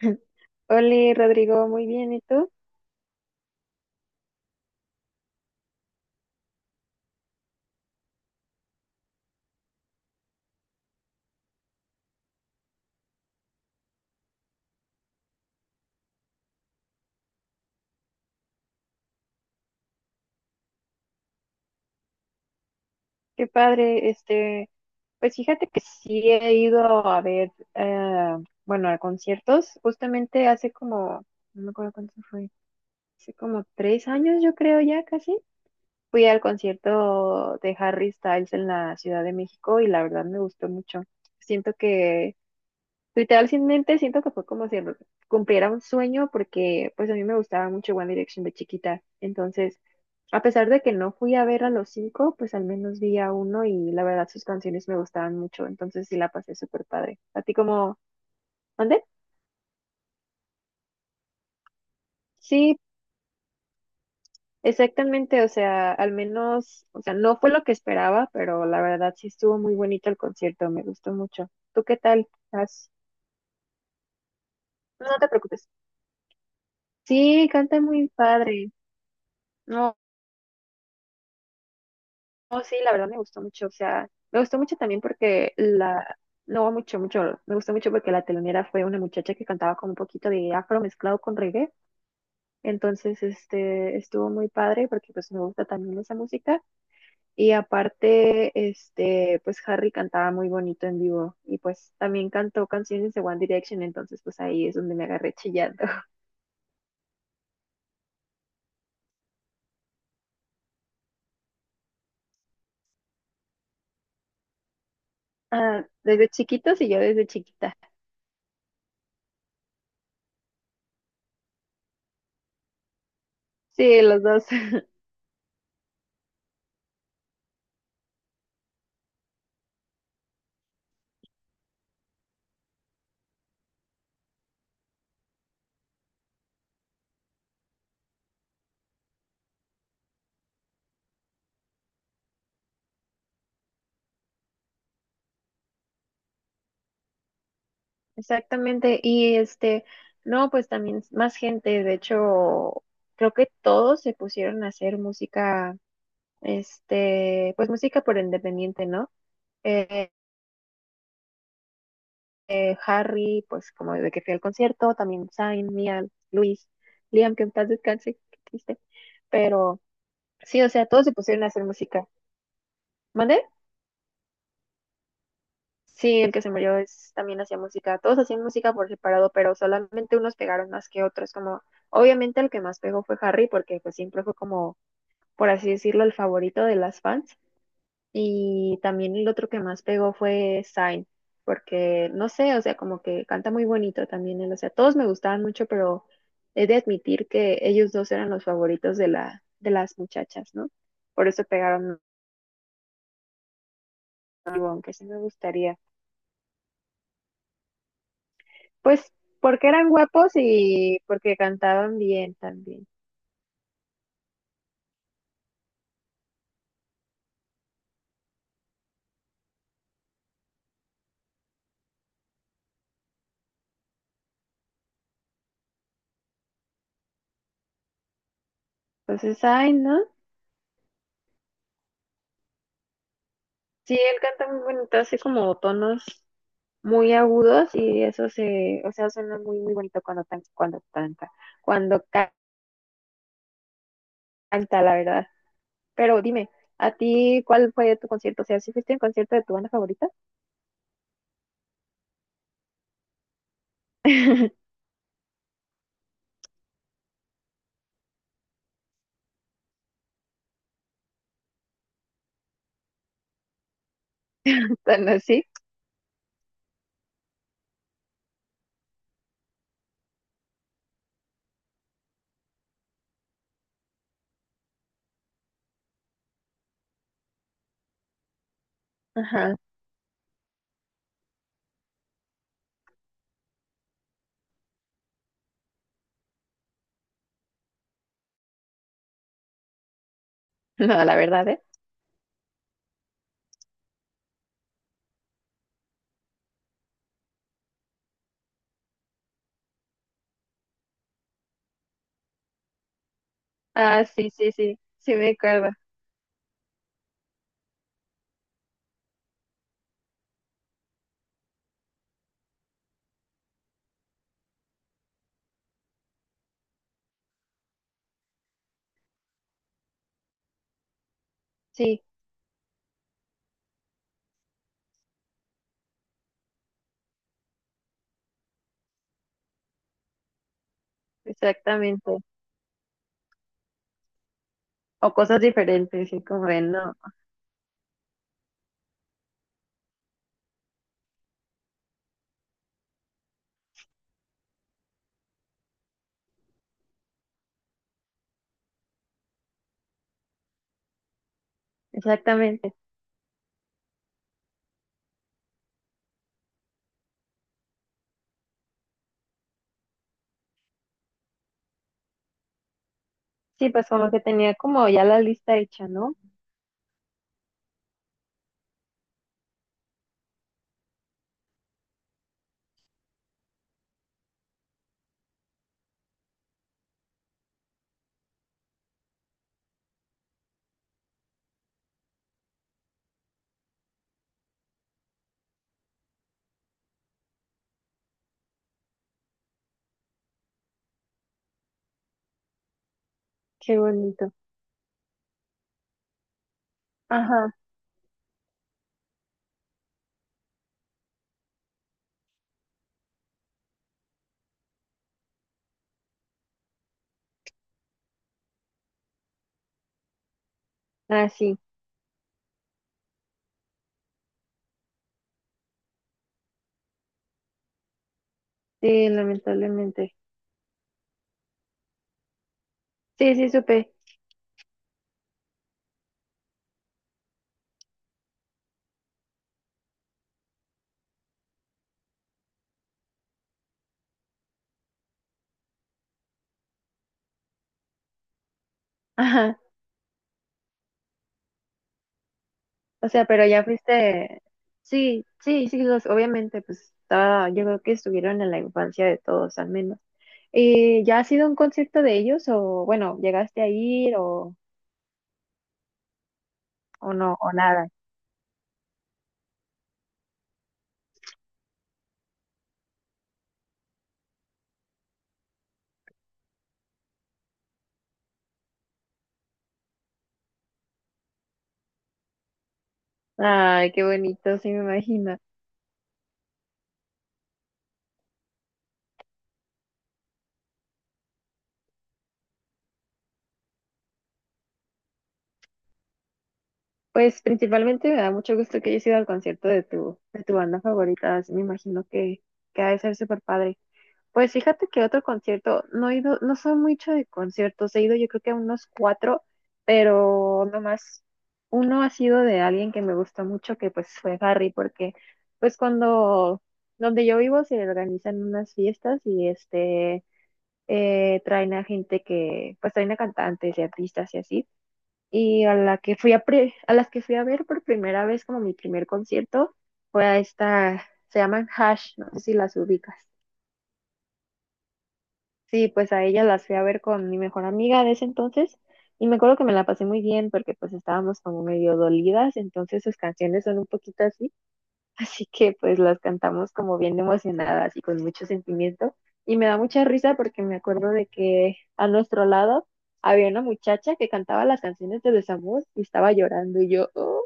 Hola Rodrigo, muy bien, ¿y tú? Qué padre, pues fíjate que sí he ido a ver, bueno, a conciertos, justamente hace como, no me acuerdo cuánto fue, hace como 3 años yo creo ya casi, fui al concierto de Harry Styles en la Ciudad de México y la verdad me gustó mucho. Siento que, literalmente siento que fue como si cumpliera un sueño porque pues a mí me gustaba mucho One Direction de chiquita, entonces. A pesar de que no fui a ver a los cinco, pues al menos vi a uno y la verdad sus canciones me gustaban mucho, entonces sí la pasé súper padre. ¿A ti cómo? ¿Mande? Sí, exactamente, o sea, al menos, o sea, no fue lo que esperaba, pero la verdad sí estuvo muy bonito el concierto, me gustó mucho. ¿Tú qué tal? ¿Has- No te preocupes. Sí, canta muy padre. No. Oh, sí, la verdad me gustó mucho, o sea, me gustó mucho también porque la, no mucho, mucho, me gustó mucho porque la telonera fue una muchacha que cantaba como un poquito de afro mezclado con reggae, entonces, estuvo muy padre porque pues me gusta también esa música y aparte, pues Harry cantaba muy bonito en vivo y pues también cantó canciones de One Direction, entonces pues ahí es donde me agarré chillando. Ah, desde chiquitos y yo desde chiquita. Sí, los dos. Exactamente, y no, pues también más gente, de hecho, creo que todos se pusieron a hacer música, pues música por independiente, ¿no? Eh, Harry, pues como de que fui al concierto, también Zayn, Mia, Luis, Liam, que en paz descanse, qué triste, pero sí, o sea, todos se pusieron a hacer música. ¿Mande? Sí, el que se murió es, también hacía música. Todos hacían música por separado, pero solamente unos pegaron más que otros. Como, obviamente el que más pegó fue Harry, porque pues siempre fue como, por así decirlo, el favorito de las fans. Y también el otro que más pegó fue Zayn, porque no sé, o sea, como que canta muy bonito también él. O sea, todos me gustaban mucho, pero he de admitir que ellos dos eran los favoritos de las muchachas, ¿no? Por eso pegaron, algo, aunque sí me gustaría. Pues porque eran guapos y porque cantaban bien también. Entonces, ay, ¿no? Sí, él canta muy bonito, así como tonos muy agudos y eso se, o sea, suena muy, muy bonito cuando canta, la verdad. Pero dime, ¿a ti cuál fue tu concierto? O sea, ¿sí fuiste a un concierto de tu banda favorita? ¿Tan así? Ajá. No, la verdad, ¿eh? Ah, sí, sí, sí, sí me acuerdo. Sí, exactamente. O cosas diferentes, sí, como de no, exactamente. Sí, pues como que tenía como ya la lista hecha, ¿no? Qué bonito. Ajá. Ah, sí. Sí, lamentablemente. Sí, sí, supe. Ajá. O sea, pero ya fuiste. Sí, sí, sí, los, obviamente, pues estaba, yo creo que estuvieron en la infancia de todos, al menos. ¿Ya has ido a un concierto de ellos o, bueno, llegaste a ir o, no, o nada? Ay, qué bonito, sí me imagino. Pues principalmente me da mucho gusto que hayas ido al concierto de tu, banda favorita, así me imagino que ha de ser súper padre. Pues fíjate que otro concierto, no he ido, no soy mucho de conciertos, he ido yo creo que a unos cuatro, pero nomás uno ha sido de alguien que me gustó mucho, que pues fue Harry, porque pues donde yo vivo se organizan unas fiestas y traen a gente pues traen a cantantes y artistas y así y a las que fui a ver por primera vez como mi primer concierto fue a esta, se llaman Hash, no sé si las ubicas. Sí, pues a ella las fui a ver con mi mejor amiga de ese entonces y me acuerdo que me la pasé muy bien porque pues estábamos como medio dolidas, entonces sus canciones son un poquito así, así que pues las cantamos como bien emocionadas y con mucho sentimiento y me da mucha risa porque me acuerdo de que a nuestro lado había una muchacha que cantaba las canciones de Desamor y estaba llorando y yo, "Oh,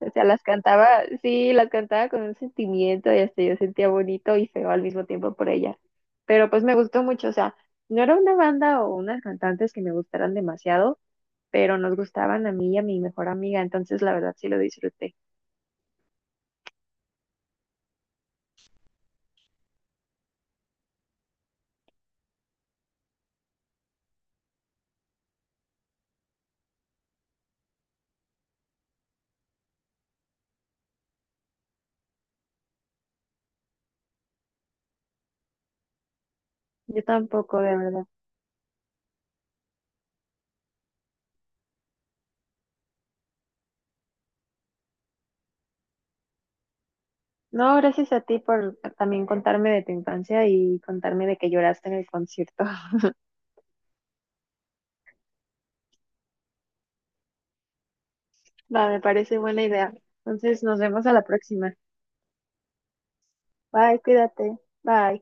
o sea, las cantaba, sí, las cantaba con un sentimiento y hasta yo sentía bonito y feo al mismo tiempo por ella". Pero pues me gustó mucho, o sea, no era una banda o unas cantantes que me gustaran demasiado, pero nos gustaban a mí y a mi mejor amiga, entonces la verdad sí lo disfruté. Yo tampoco, de verdad. No, gracias a ti por también contarme de tu infancia y contarme de que lloraste en el concierto. Va, me parece buena idea. Entonces nos vemos a la próxima. Bye, cuídate. Bye.